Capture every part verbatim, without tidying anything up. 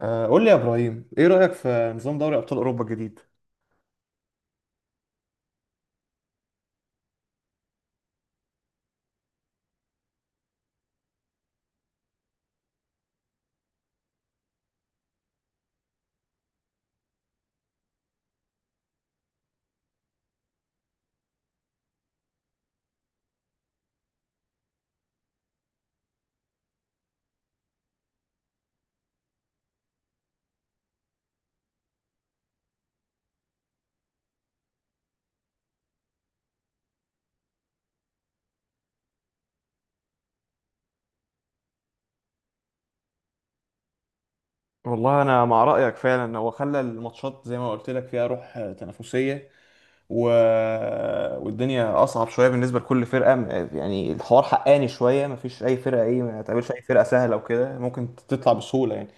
آه، قول لي يا ابراهيم ايه رايك في نظام دوري ابطال اوروبا الجديد. والله انا مع رايك فعلا، هو خلى الماتشات زي ما قلت لك فيها روح آه، تنافسيه. و... والدنيا اصعب شويه بالنسبه لكل فرقه. م- يعني الحوار حقاني شويه، مفيش اي فرقه ايه ما تقابلش اي فرقه سهله وكده ممكن تطلع بسهوله يعني.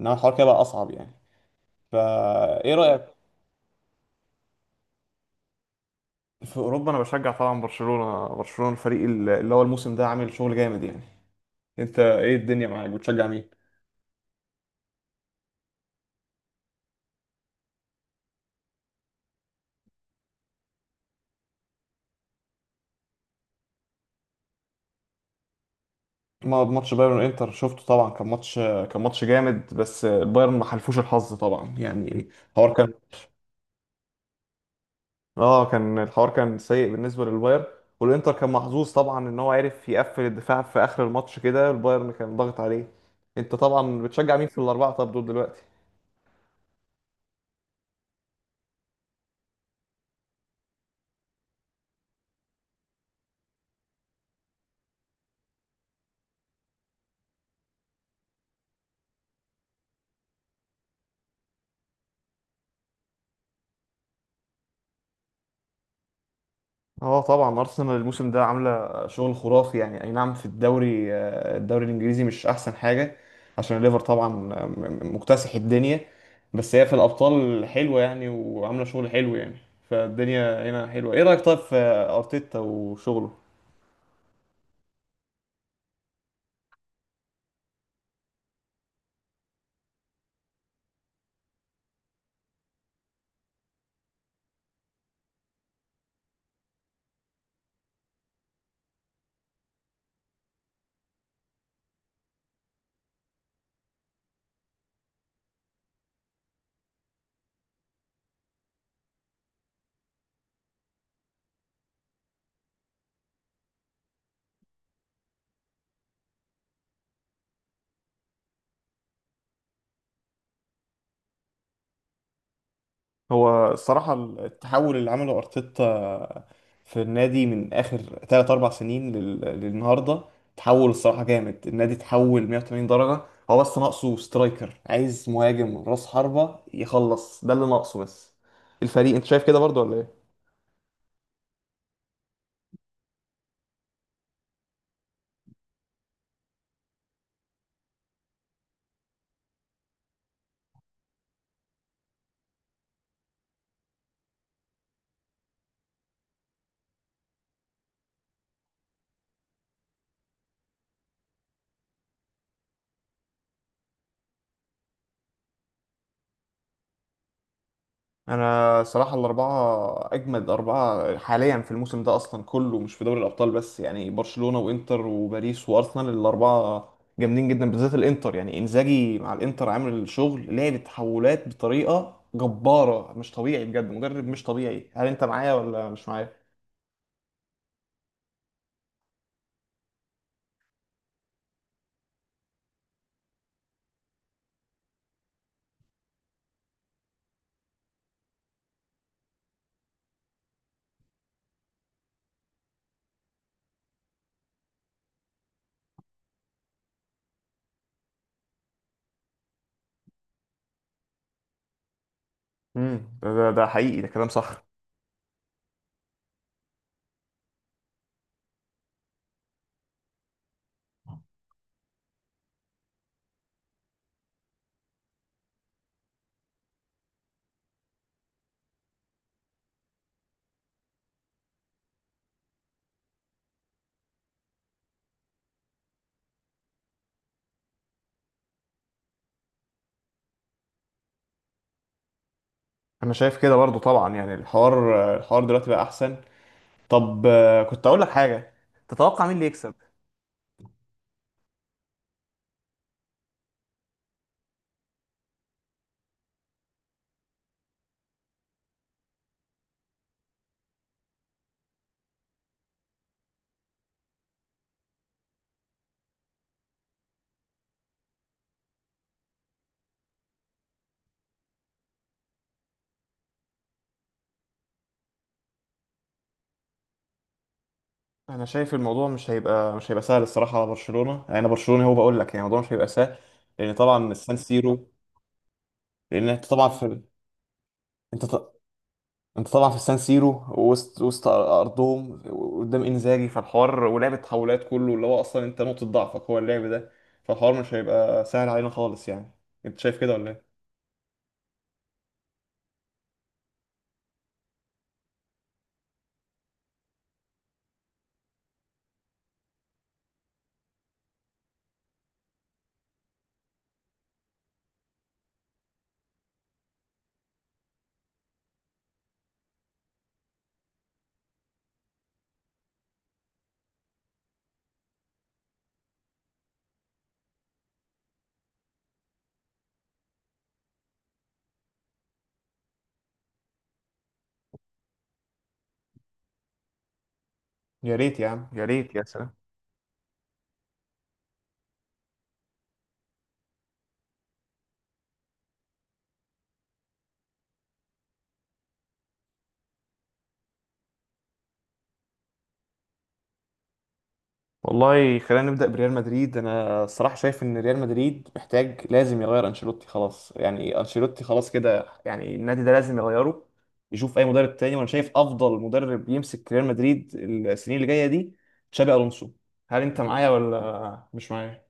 انما الحوار كده بقى اصعب يعني. فا ايه رايك؟ في اوروبا انا بشجع طبعا برشلونه، برشلونه الفريق ال- اللي هو الموسم ده عامل شغل جامد يعني. انت ايه الدنيا معاك بتشجع مين؟ ما- ماتش بايرن وانتر شفته طبعا، كان ماتش، كان ماتش جامد بس البايرن ما حلفوش الحظ طبعا يعني. الحوار كان، اه كان الحوار كان سيء بالنسبه للبايرن. والانتر كان محظوظ طبعا ان هو عرف يقفل الدفاع في اخر الماتش كده، البايرن كان ضاغط عليه. انت طبعا بتشجع مين في الاربعه طب دول دلوقتي؟ اه طبعا ارسنال الموسم ده عامله شغل خرافي يعني، اي نعم في الدوري آه، الدوري الانجليزي مش احسن حاجه عشان الليفر طبعا، آه، م- مكتسح الدنيا. بس هي في الابطال حلوه يعني وعامله شغل حلو يعني. فالدنيا هنا حلوه. ايه رايك طيب في ارتيتا وشغله؟ هو الصراحة التحول اللي عمله أرتيتا في النادي من آخر تلات أربع سنين لل- للنهاردة، تحول الصراحة جامد. النادي تحول مية وتمانين درجة. هو بس ناقصه سترايكر، عايز مهاجم رأس حربة يخلص، ده اللي ناقصه بس الفريق. أنت شايف كده برضو ولا إيه؟ انا صراحه الاربعه اجمد اربعه حاليا في الموسم ده اصلا كله مش في دوري الابطال بس، يعني برشلونه وانتر وباريس وارسنال الاربعه جامدين جدا، بالذات الانتر يعني انزاجي مع الانتر عامل الشغل، لعب تحولات بطريقه جباره مش طبيعي، بجد مدرب مش طبيعي. هل انت معايا ولا مش معايا؟ امم، ده, ده ده حقيقي، ده كلام صح. انا شايف كده برضو طبعا يعني الحوار، الحوار دلوقتي بقى احسن. طب آه، كنت اقول لك حاجه، تتوقع مين اللي يكسب؟ انا شايف الموضوع مش هيبقى مش هيبقى سهل الصراحه على برشلونه، يعني انا برشلونه هو بقول لك يعني الموضوع مش هيبقى سهل لان طبعا السان سيرو. لان انت طبعا في، انت ط... انت طبعا في السان سيرو، وسط وسط ارضهم قدام انزاجي، فالحوار ولعب التحولات كله اللي هو اصلا انت نقطه ضعفك هو اللعب ده، فالحوار مش هيبقى سهل علينا خالص يعني. انت شايف كده ولا ايه؟ يا ريت يا عم، يا ريت، يا سلام. والله خلينا نبدأ بريال مدريد، انا الصراحة شايف ان ريال مدريد محتاج لازم يغير انشيلوتي خلاص، يعني انشيلوتي خلاص كده يعني، النادي ده لازم يغيره، يشوف اي مدرب تاني. وانا شايف افضل مدرب يمسك ريال مدريد السنين اللي جاية دي تشابي الونسو. هل انت معايا ولا مش معايا؟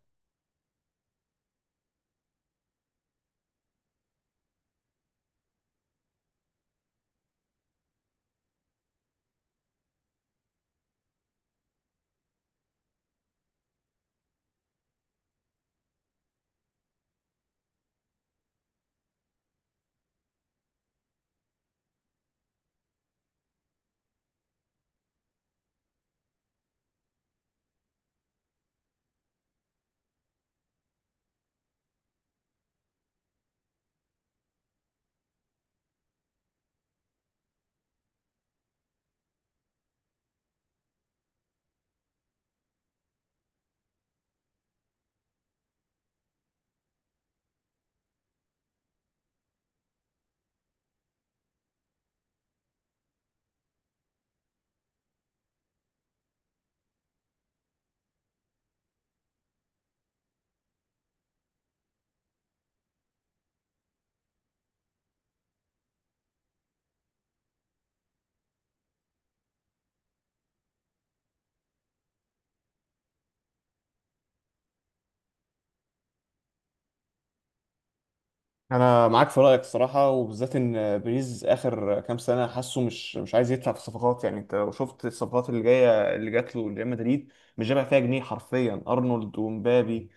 انا معاك في رايك الصراحه، وبالذات ان بيريز اخر كام سنه حاسه مش مش عايز يدفع في الصفقات. يعني انت لو شفت الصفقات اللي جايه اللي جات له لريال مدريد مش جايبها فيها جنيه حرفيا، ارنولد ومبابي.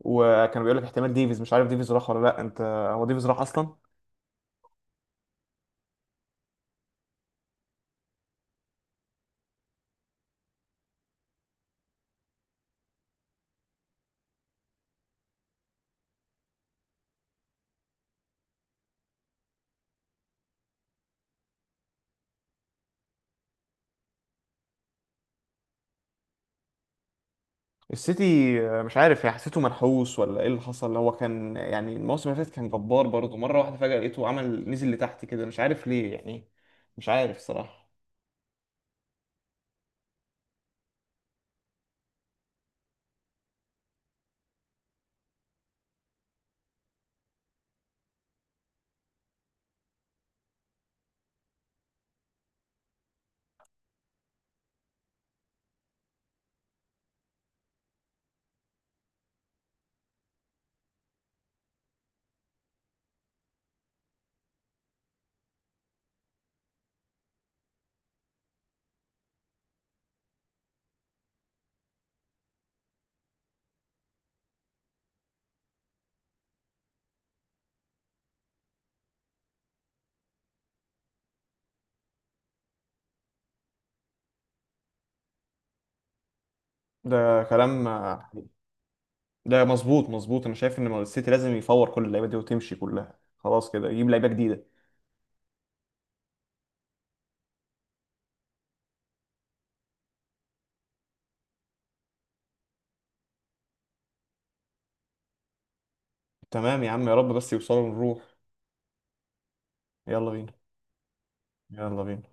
وكانوا بيقول لك احتمال ديفيز، مش عارف ديفيز راح ولا لا انت؟ هو ديفيز راح اصلا؟ السيتي مش عارف يعني، حسيته منحوس ولا ايه اللي حصل؟ هو كان يعني الموسم اللي فات كان جبار برضه، مره واحده فجاه لقيته عمل نزل لتحت كده مش عارف ليه يعني. مش عارف صراحه. ده كلام، ده مظبوط مظبوط. انا شايف ان السيتي لازم يفور كل اللعيبه دي وتمشي كلها خلاص كده، يجيب لعيبه جديده. تمام يا عم، يا رب بس يوصلوا نروح. يلا بينا. يلا بينا.